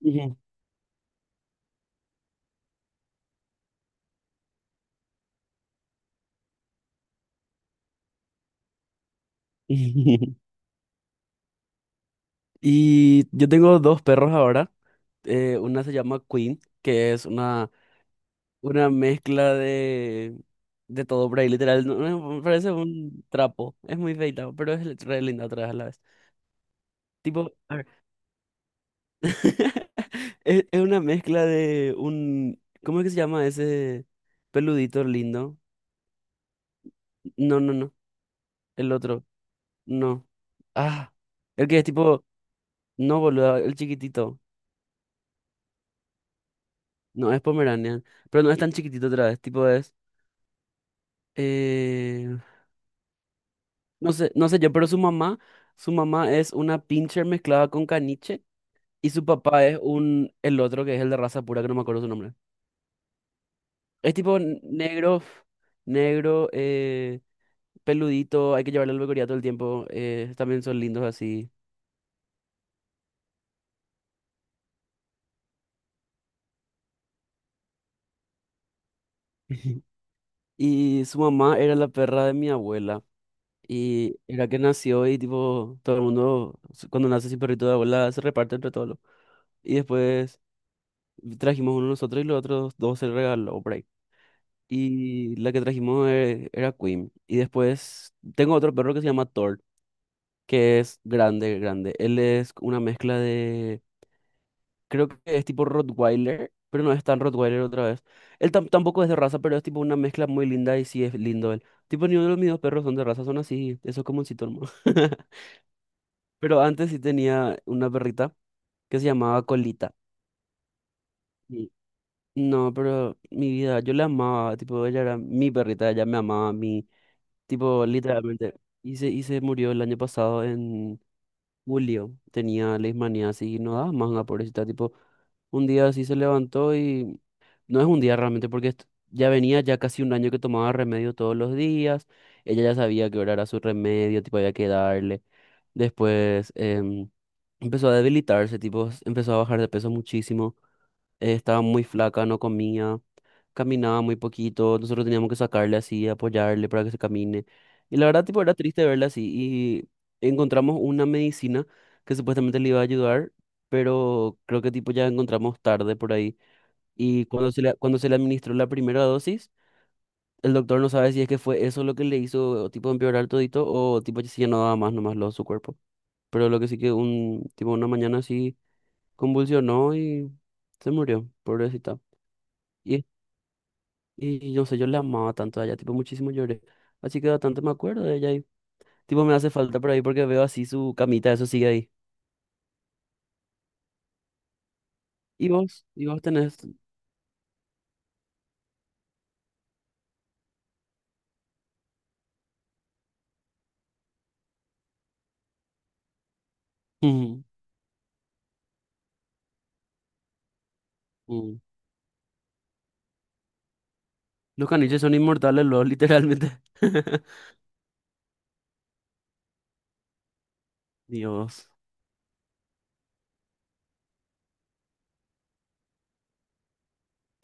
Ujú. Y yo tengo 2 perros ahora. Una se llama Queen, que es una mezcla de todo por ahí, literal. No, me parece un trapo. Es muy feita, pero es re linda otra vez a la vez. Tipo, a ver, es una mezcla de un... ¿Cómo es que se llama ese peludito lindo? No, no, no. El otro. No. Ah. El que es tipo... No, boludo. El chiquitito. No es Pomeranian, pero no es tan chiquitito otra vez, tipo es, eh, no sé yo, pero su mamá es una pincher mezclada con caniche, y su papá es un, el otro que es el de raza pura que no me acuerdo su nombre. Es tipo negro, negro, peludito, hay que llevarle al peluquería todo el tiempo, también son lindos así. Y su mamá era la perra de mi abuela. Y era que nació y tipo, todo el mundo, cuando nace sin perrito de abuela, se reparte entre todos. Y después trajimos uno nosotros y los otros dos se lo regaló por ahí. Y la que trajimos era Queen. Y después tengo otro perro que se llama Thor, que es grande, grande. Él es una mezcla de... Creo que es tipo Rottweiler, pero no es tan Rottweiler otra vez. Él tampoco es de raza, pero es tipo una mezcla muy linda y sí es lindo él. Tipo, ni uno de mis dos perros son de raza, son así, eso es como un hermano. Pero antes sí tenía una perrita que se llamaba Colita. No, pero mi vida, yo la amaba, tipo, ella era mi perrita, ella me amaba a mí, tipo, literalmente. Y se murió el año pasado en julio, tenía leishmanía así, y no daba más una pobrecita, tipo, un día así se levantó y no es un día realmente, porque ya venía ya casi un año que tomaba remedio todos los días, ella ya sabía que hora era su remedio, tipo, había que darle. Después empezó a debilitarse, tipo, empezó a bajar de peso muchísimo, estaba muy flaca, no comía, caminaba muy poquito, nosotros teníamos que sacarle así, apoyarle para que se camine. Y la verdad, tipo, era triste verla así. Y encontramos una medicina que supuestamente le iba a ayudar, pero creo que tipo ya encontramos tarde por ahí. Y cuando se le administró la primera dosis, el doctor no sabe si es que fue eso lo que le hizo tipo empeorar todito o tipo si ya no daba más nomás lo su cuerpo. Pero lo que sí que un tipo una mañana así convulsionó y se murió, pobrecita. Y Y yo sé, yo la amaba tanto a ella, tipo, muchísimo lloré. Así que bastante me acuerdo de ella y, tipo, me hace falta por ahí porque veo así su camita, eso sigue ahí. Y vos tenés. Ujú, ujú. Los caniches son inmortales, los, literalmente. Dios.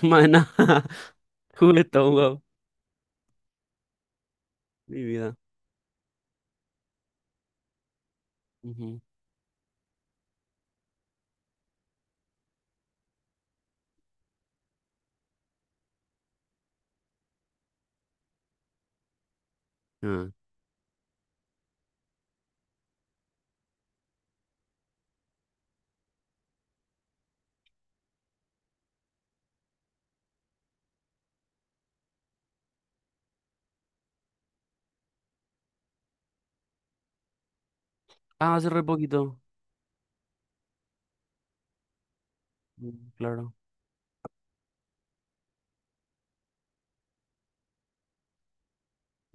Maena, juguetón, wow. Mi vida. Ujú. Ah, ah, hace re poquito. Mm, claro.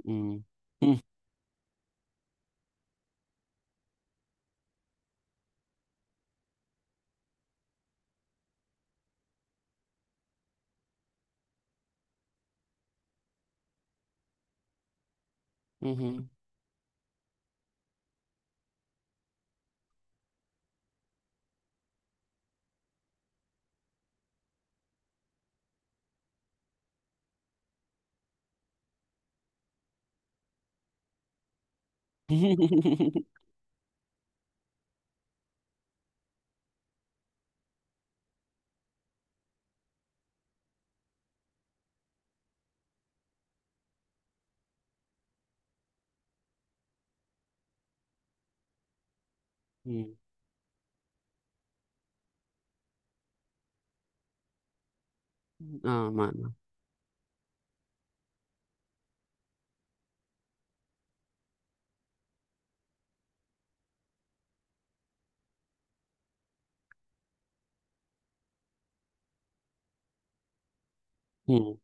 Mm. Mm, ujú. Mm. Ah, mano. Mm.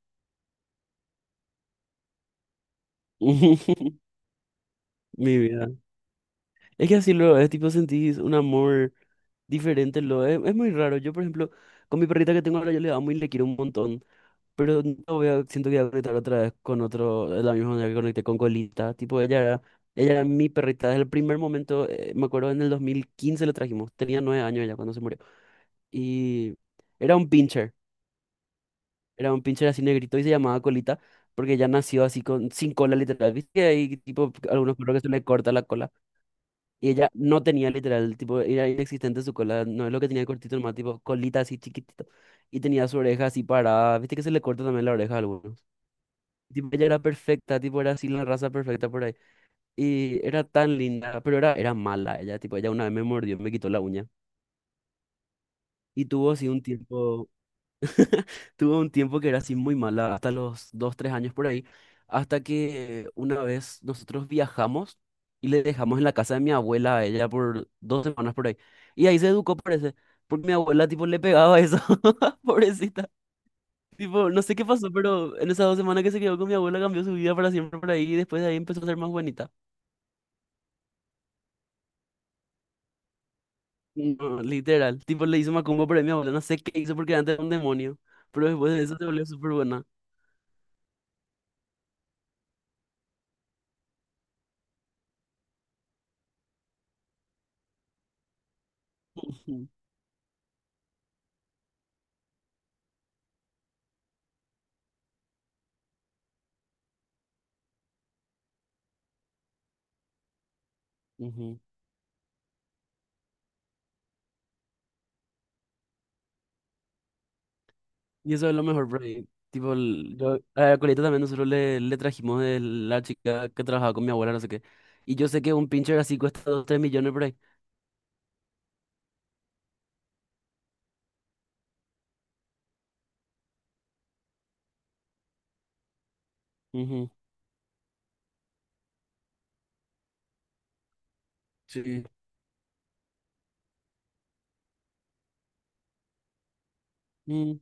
Mi vida. Es que así luego es, tipo, sentís un amor diferente lo es. Es muy raro. Yo, por ejemplo, con mi perrita que tengo ahora, yo le amo y le quiero un montón. Pero no voy a, siento que voy a conectar otra vez con otro, de la misma manera que conecté con Colita. Tipo, ella era mi perrita desde el primer momento. Me acuerdo en el 2015 la trajimos. Tenía 9 años ella cuando se murió. Y era un pincher. Era un pincher así negrito y se llamaba Colita. Porque ya nació así con, sin cola literal. ¿Viste que hay tipo algunos perros que se le corta la cola? Y ella no tenía literal, tipo, era inexistente su cola, no es lo que tenía cortito, nomás tipo colita así chiquitito. Y tenía su oreja así parada, viste que se le corta también la oreja a algunos. Tipo, ella era perfecta, tipo, era así la raza perfecta por ahí. Y era tan linda, pero era mala ella, tipo, ella una vez me mordió, me quitó la uña. Y tuvo así un tiempo, tuve un tiempo que era así muy mala, hasta los dos, tres años por ahí, hasta que una vez nosotros viajamos y le dejamos en la casa de mi abuela a ella por 2 semanas por ahí. Y ahí se educó, parece, porque mi abuela tipo le pegaba eso, pobrecita. Tipo, no sé qué pasó, pero en esas 2 semanas que se quedó con mi abuela cambió su vida para siempre por ahí y después de ahí empezó a ser más bonita. No, literal, tipo le hizo macumba por ahí mi abuela, no sé qué hizo porque antes era un demonio, pero después de eso se volvió súper buena. Ujú, ujú. Y eso es lo mejor, por ahí. Tipo, el- yo, a la colita también nosotros le, le trajimos de la chica que trabajaba con mi abuela, no sé qué. Y yo sé que un pincher así cuesta dos tres millones por ahí. Ujú, sí. Mm,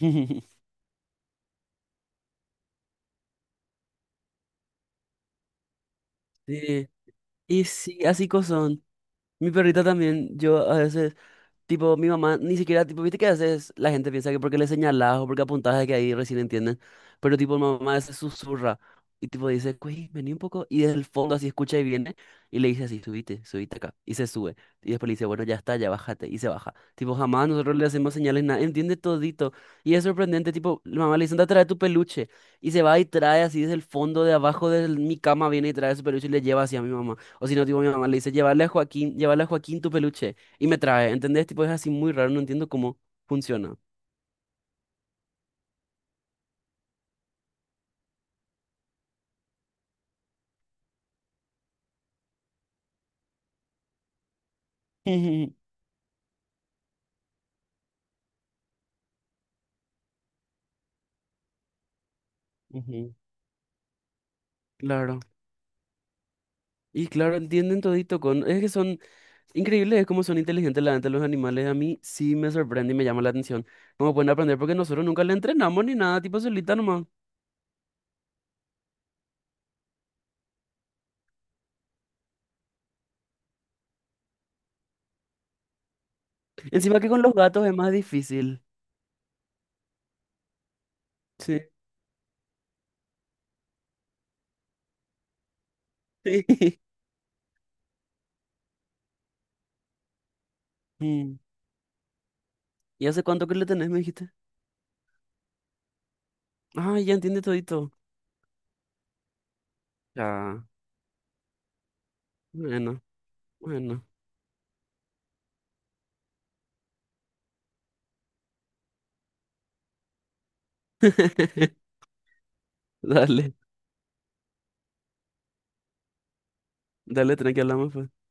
sí. Y sí, así cosas son. Mi perrita también, yo a veces. Tipo, mi mamá ni siquiera, tipo, viste que a veces la gente piensa que porque le señalás o porque apuntás es que ahí recién entienden, pero tipo, mi mamá se susurra y tipo dice, güey, vení un poco, y desde el fondo así escucha y viene y le dice así, subite, subite acá, y se sube, y después le dice, bueno, ya está, ya bájate, y se baja. Tipo, jamás nosotros le hacemos señales, nada, entiende todito, y es sorprendente, tipo, la mamá le dice, anda, trae tu peluche, y se va y trae así desde el fondo de abajo de mi cama, viene y trae su peluche y le lleva así a mi mamá, o si no, tipo, mi mamá le dice, llévale a Joaquín tu peluche y me trae, ¿entendés? Tipo, es así muy raro, no entiendo cómo funciona. Ujú. Ujú. Claro. Y claro, entienden todito con... Es que son increíbles, es como son inteligentes la gente, los animales. A mí sí me sorprende y me llama la atención. Cómo pueden aprender porque nosotros nunca le entrenamos ni nada, tipo solita nomás. Encima que con los gatos es más difícil. Sí. Mm. ¿Y hace cuánto que le tenés, me dijiste? Ah, ya entiende todito. Ya. Bueno, bueno. Dale, dale, tranqui, hablamos pues.